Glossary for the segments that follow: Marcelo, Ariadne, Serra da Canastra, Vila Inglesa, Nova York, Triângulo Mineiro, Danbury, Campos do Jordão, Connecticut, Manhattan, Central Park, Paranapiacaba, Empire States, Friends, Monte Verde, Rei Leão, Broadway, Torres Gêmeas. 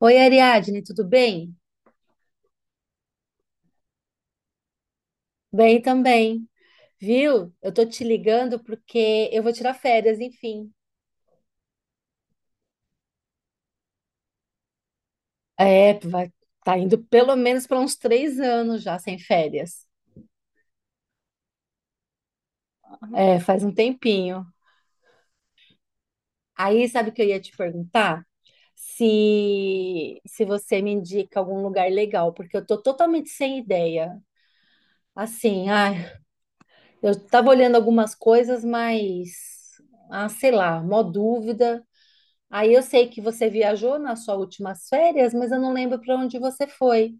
Oi, Ariadne, tudo bem? Bem também. Viu? Eu tô te ligando porque eu vou tirar férias, enfim. É, vai, tá indo pelo menos para uns 3 anos já sem férias. É, faz um tempinho. Aí, sabe o que eu ia te perguntar? Se você me indica algum lugar legal, porque eu tô totalmente sem ideia. Assim, ai, eu tava olhando algumas coisas, mas, ah, sei lá, mó dúvida. Aí eu sei que você viajou nas suas últimas férias, mas eu não lembro para onde você foi.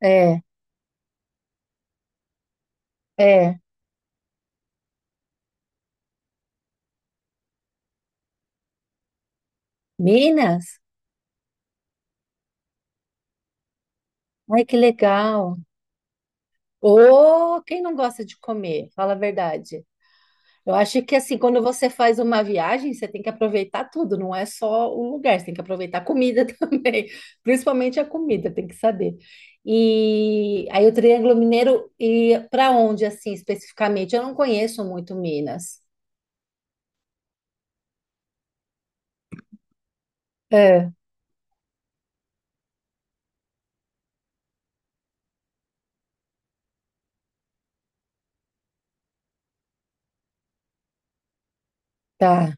É, é. Minas? Ai, que legal. Ô, quem não gosta de comer? Fala a verdade. Eu acho que assim, quando você faz uma viagem, você tem que aproveitar tudo, não é só o lugar, você tem que aproveitar a comida também, principalmente a comida, tem que saber. E aí o Triângulo Mineiro e para onde assim especificamente? Eu não conheço muito Minas. É, tá.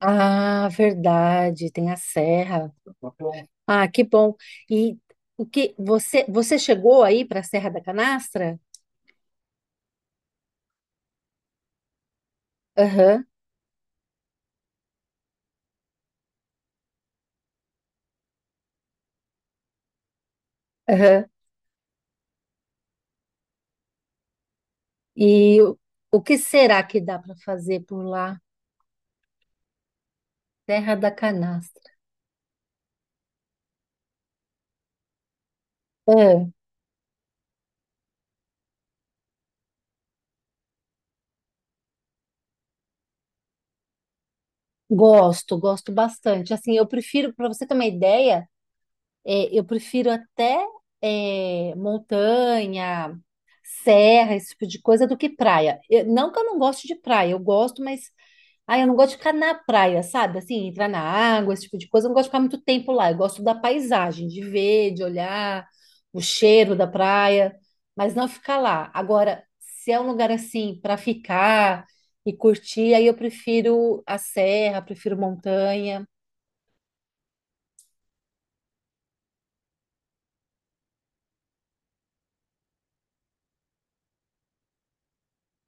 Ah, verdade, tem a serra. Ah, que bom. E o que você chegou aí para a Serra da Canastra? Aham, aham. E o que será que dá para fazer por lá? Serra da Canastra. Ah, gosto, gosto bastante. Assim, eu prefiro, para você ter uma ideia, é, eu prefiro até montanha, serra, esse tipo de coisa, do que praia. Não que eu não goste de praia, eu gosto, mas ai, eu não gosto de ficar na praia, sabe? Assim, entrar na água, esse tipo de coisa. Eu não gosto de ficar muito tempo lá. Eu gosto da paisagem, de ver, de olhar, o cheiro da praia, mas não ficar lá. Agora, se é um lugar assim para ficar e curtir, aí eu prefiro a serra, prefiro montanha.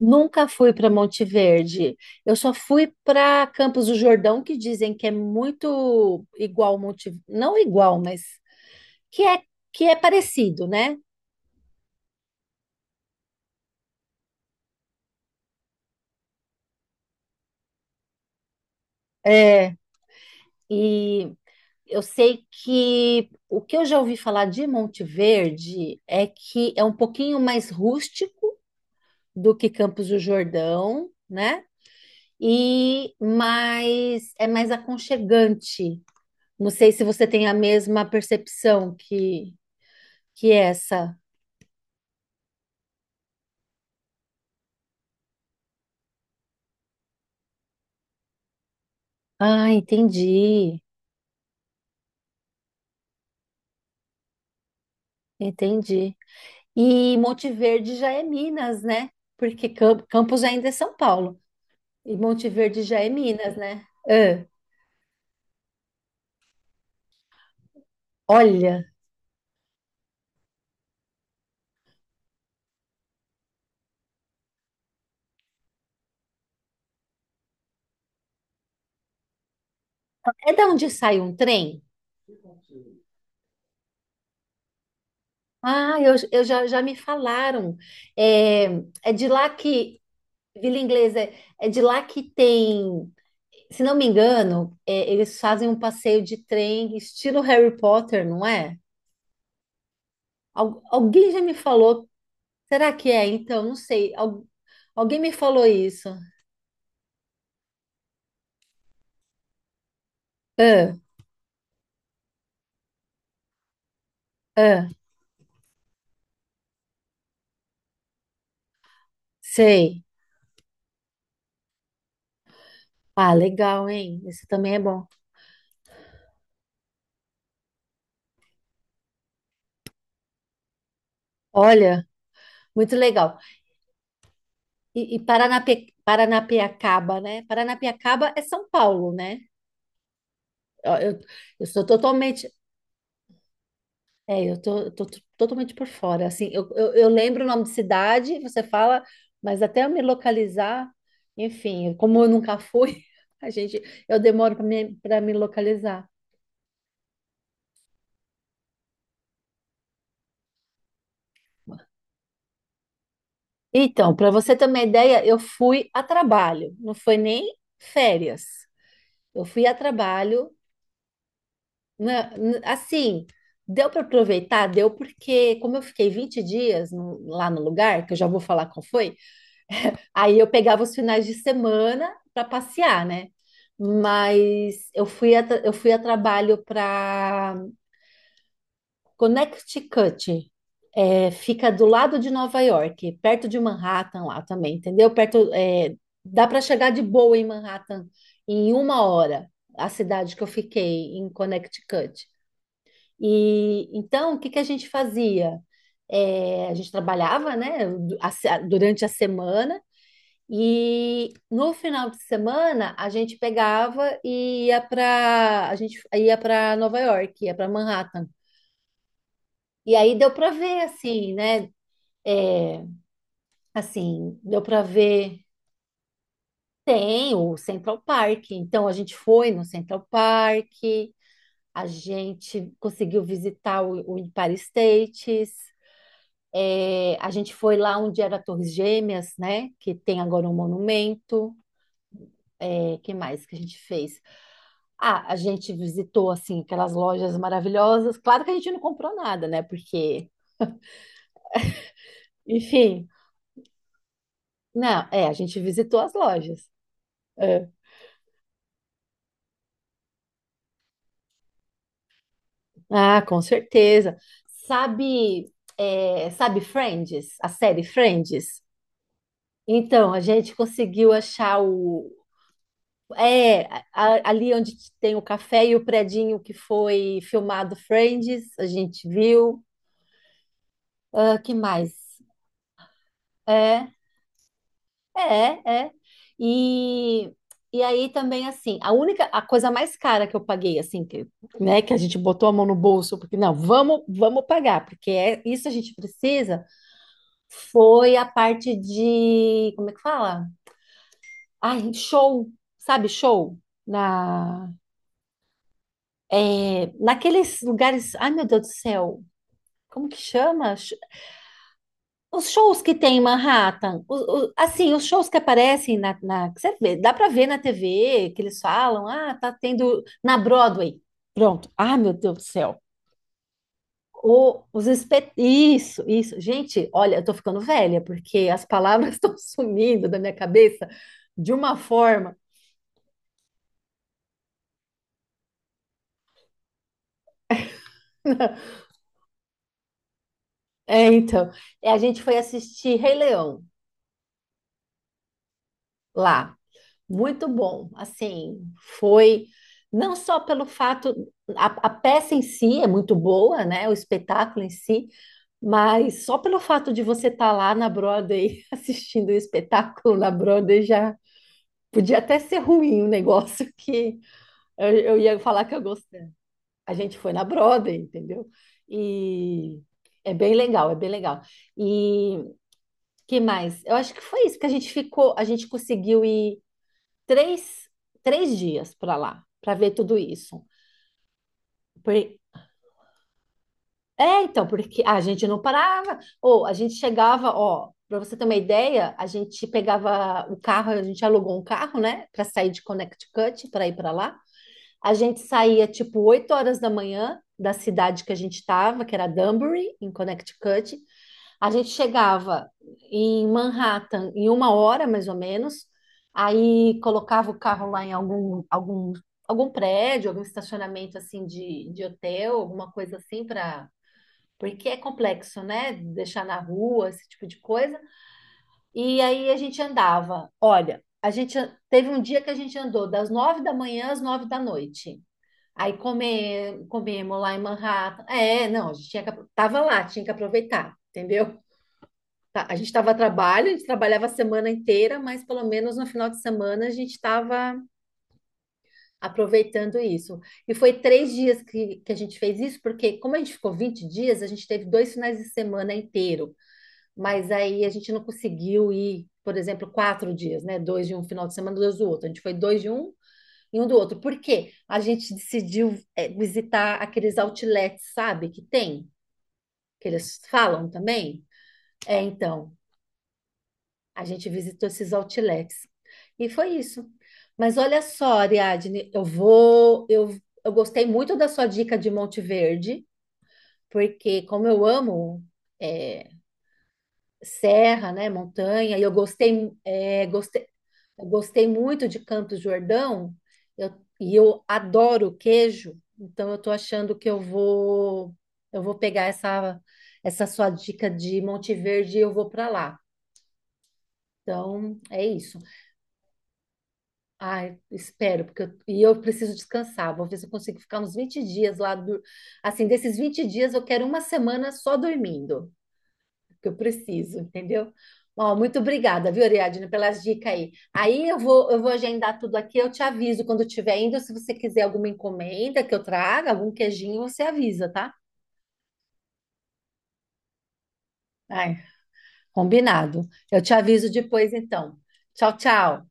Nunca fui para Monte Verde. Eu só fui para Campos do Jordão, que dizem que é muito igual Monte, não igual, mas que é que é parecido, né? É, e eu sei que o que eu já ouvi falar de Monte Verde é que é um pouquinho mais rústico do que Campos do Jordão, né? E mais É mais aconchegante. Não sei se você tem a mesma percepção que essa. Ah, entendi, entendi. E Monte Verde já é Minas, né? Porque Campos ainda é São Paulo. E Monte Verde já é Minas, né? Ah, olha, é da onde sai um trem? Ah, eu já, já me falaram. É, é de lá que, Vila Inglesa, é de lá que tem, se não me engano, é, eles fazem um passeio de trem estilo Harry Potter, não é? Alguém já me falou. Será que é? Então, não sei. Alguém me falou isso. Ah, ah, sei. Ah, legal, hein? Esse também é bom. Olha, muito legal. E Paranapiacaba, né? Paranapiacaba é São Paulo, né? Ó, eu sou totalmente. É, eu tô totalmente por fora. Assim, eu lembro o nome de cidade, você fala, mas até eu me localizar, enfim, como eu nunca fui, a gente, eu demoro para me localizar. Então, para você ter uma ideia, eu fui a trabalho, não foi nem férias. Eu fui a trabalho, né, assim, deu para aproveitar, deu porque como eu fiquei 20 dias lá no lugar, que eu já vou falar qual foi, aí eu pegava os finais de semana para passear, né? Mas eu fui a trabalho para Connecticut. É, fica do lado de Nova York, perto de Manhattan lá também, entendeu? Perto, é, dá para chegar de boa em Manhattan em uma hora, a cidade que eu fiquei em Connecticut. E então, o que que a gente fazia? É, a gente trabalhava, né, du- a se- durante a semana e no final de semana a gente pegava e ia para a gente ia para Nova York, ia para Manhattan. E aí deu para ver, assim, né? É, assim, deu para ver. Tem o Central Park, então a gente foi no Central Park, a gente conseguiu visitar o Empire States, é, a gente foi lá onde era a Torres Gêmeas, né? Que tem agora um monumento. É, que mais que a gente fez? Ah, a gente visitou, assim, aquelas lojas maravilhosas. Claro que a gente não comprou nada, né? Porque, enfim, não, é, a gente visitou as lojas. É, Ah, com certeza. Sabe, sabe Friends? A série Friends? Então, a gente conseguiu achar o. É, ali onde tem o café e o predinho que foi filmado Friends, a gente viu. Ah, que mais? É, é, é. E, e aí também, assim, a coisa mais cara que eu paguei, assim, que, né, que a gente botou a mão no bolso, porque não, vamos pagar, porque é, isso a gente precisa. Foi a parte de, como é que fala? Ai, show, sabe, show? Na, Naqueles lugares, ai meu Deus do céu, como que chama? Os shows que tem em Manhattan, assim, os shows que aparecem que você vê, dá para ver na TV, que eles falam, ah, tá tendo na Broadway. Pronto. Ah, meu Deus do céu. Isso, isso. Gente, olha, eu tô ficando velha, porque as palavras estão sumindo da minha cabeça de uma forma. É, então, a gente foi assistir Rei Leão lá. Muito bom. Assim, foi não só pelo fato, a peça em si é muito boa, né? O espetáculo em si, mas só pelo fato de você estar lá na Broadway assistindo o espetáculo na Broadway já podia até ser ruim o negócio que eu ia falar que eu gostei. A gente foi na Broadway, entendeu? E é bem legal, é bem legal. E que mais? Eu acho que foi isso, que a gente ficou, a gente conseguiu ir três, três dias para lá, para ver tudo isso. Por- É, então, porque a gente não parava, ou a gente chegava, ó, para você ter uma ideia, a gente pegava o carro, a gente alugou um carro, né, para sair de Connecticut, para ir para lá. A gente saía tipo 8 horas da manhã da cidade que a gente estava, que era Danbury, em Connecticut. A gente chegava em Manhattan em uma hora, mais ou menos. Aí colocava o carro lá em algum prédio, algum estacionamento assim de hotel, alguma coisa assim para. Porque é complexo, né? Deixar na rua, esse tipo de coisa. E aí a gente andava. Olha, teve um dia que a gente andou das 9 da manhã às 9 da noite. Aí comemos lá em Manhattan. É, não, a gente tinha que, tava lá, tinha que aproveitar, entendeu? Tá, a gente estava a trabalho, a gente trabalhava a semana inteira, mas pelo menos no final de semana a gente estava aproveitando isso. E foi 3 dias que a gente fez isso, porque como a gente ficou 20 dias, a gente teve dois finais de semana inteiro, mas aí a gente não conseguiu ir, por exemplo, 4 dias, né? Dois de um final de semana, dois do outro. A gente foi dois de um e um do outro. Por quê? A gente decidiu é, visitar aqueles outlets, sabe, que tem, que eles falam também. É, então, a gente visitou esses outlets. E foi isso. Mas olha só, Ariadne, eu gostei muito da sua dica de Monte Verde, porque como eu amo é, serra, né, montanha, e eu gostei, é, gostei, eu gostei muito de Campos do Jordão, eu- e eu adoro queijo, então eu estou achando que eu vou pegar essa sua dica de Monte Verde e eu vou para lá. Então, é isso. Ai, espero, porque eu, e eu preciso descansar. Vou ver se eu consigo ficar uns 20 dias lá. Assim, desses 20 dias, eu quero uma semana só dormindo. Que eu preciso, entendeu? Ó, muito obrigada, viu, Ariadne, pelas dicas aí. Aí eu vou agendar tudo aqui, eu te aviso quando eu estiver indo, se você quiser alguma encomenda que eu traga, algum queijinho, você avisa, tá? Ai, combinado. Eu te aviso depois, então. Tchau, tchau.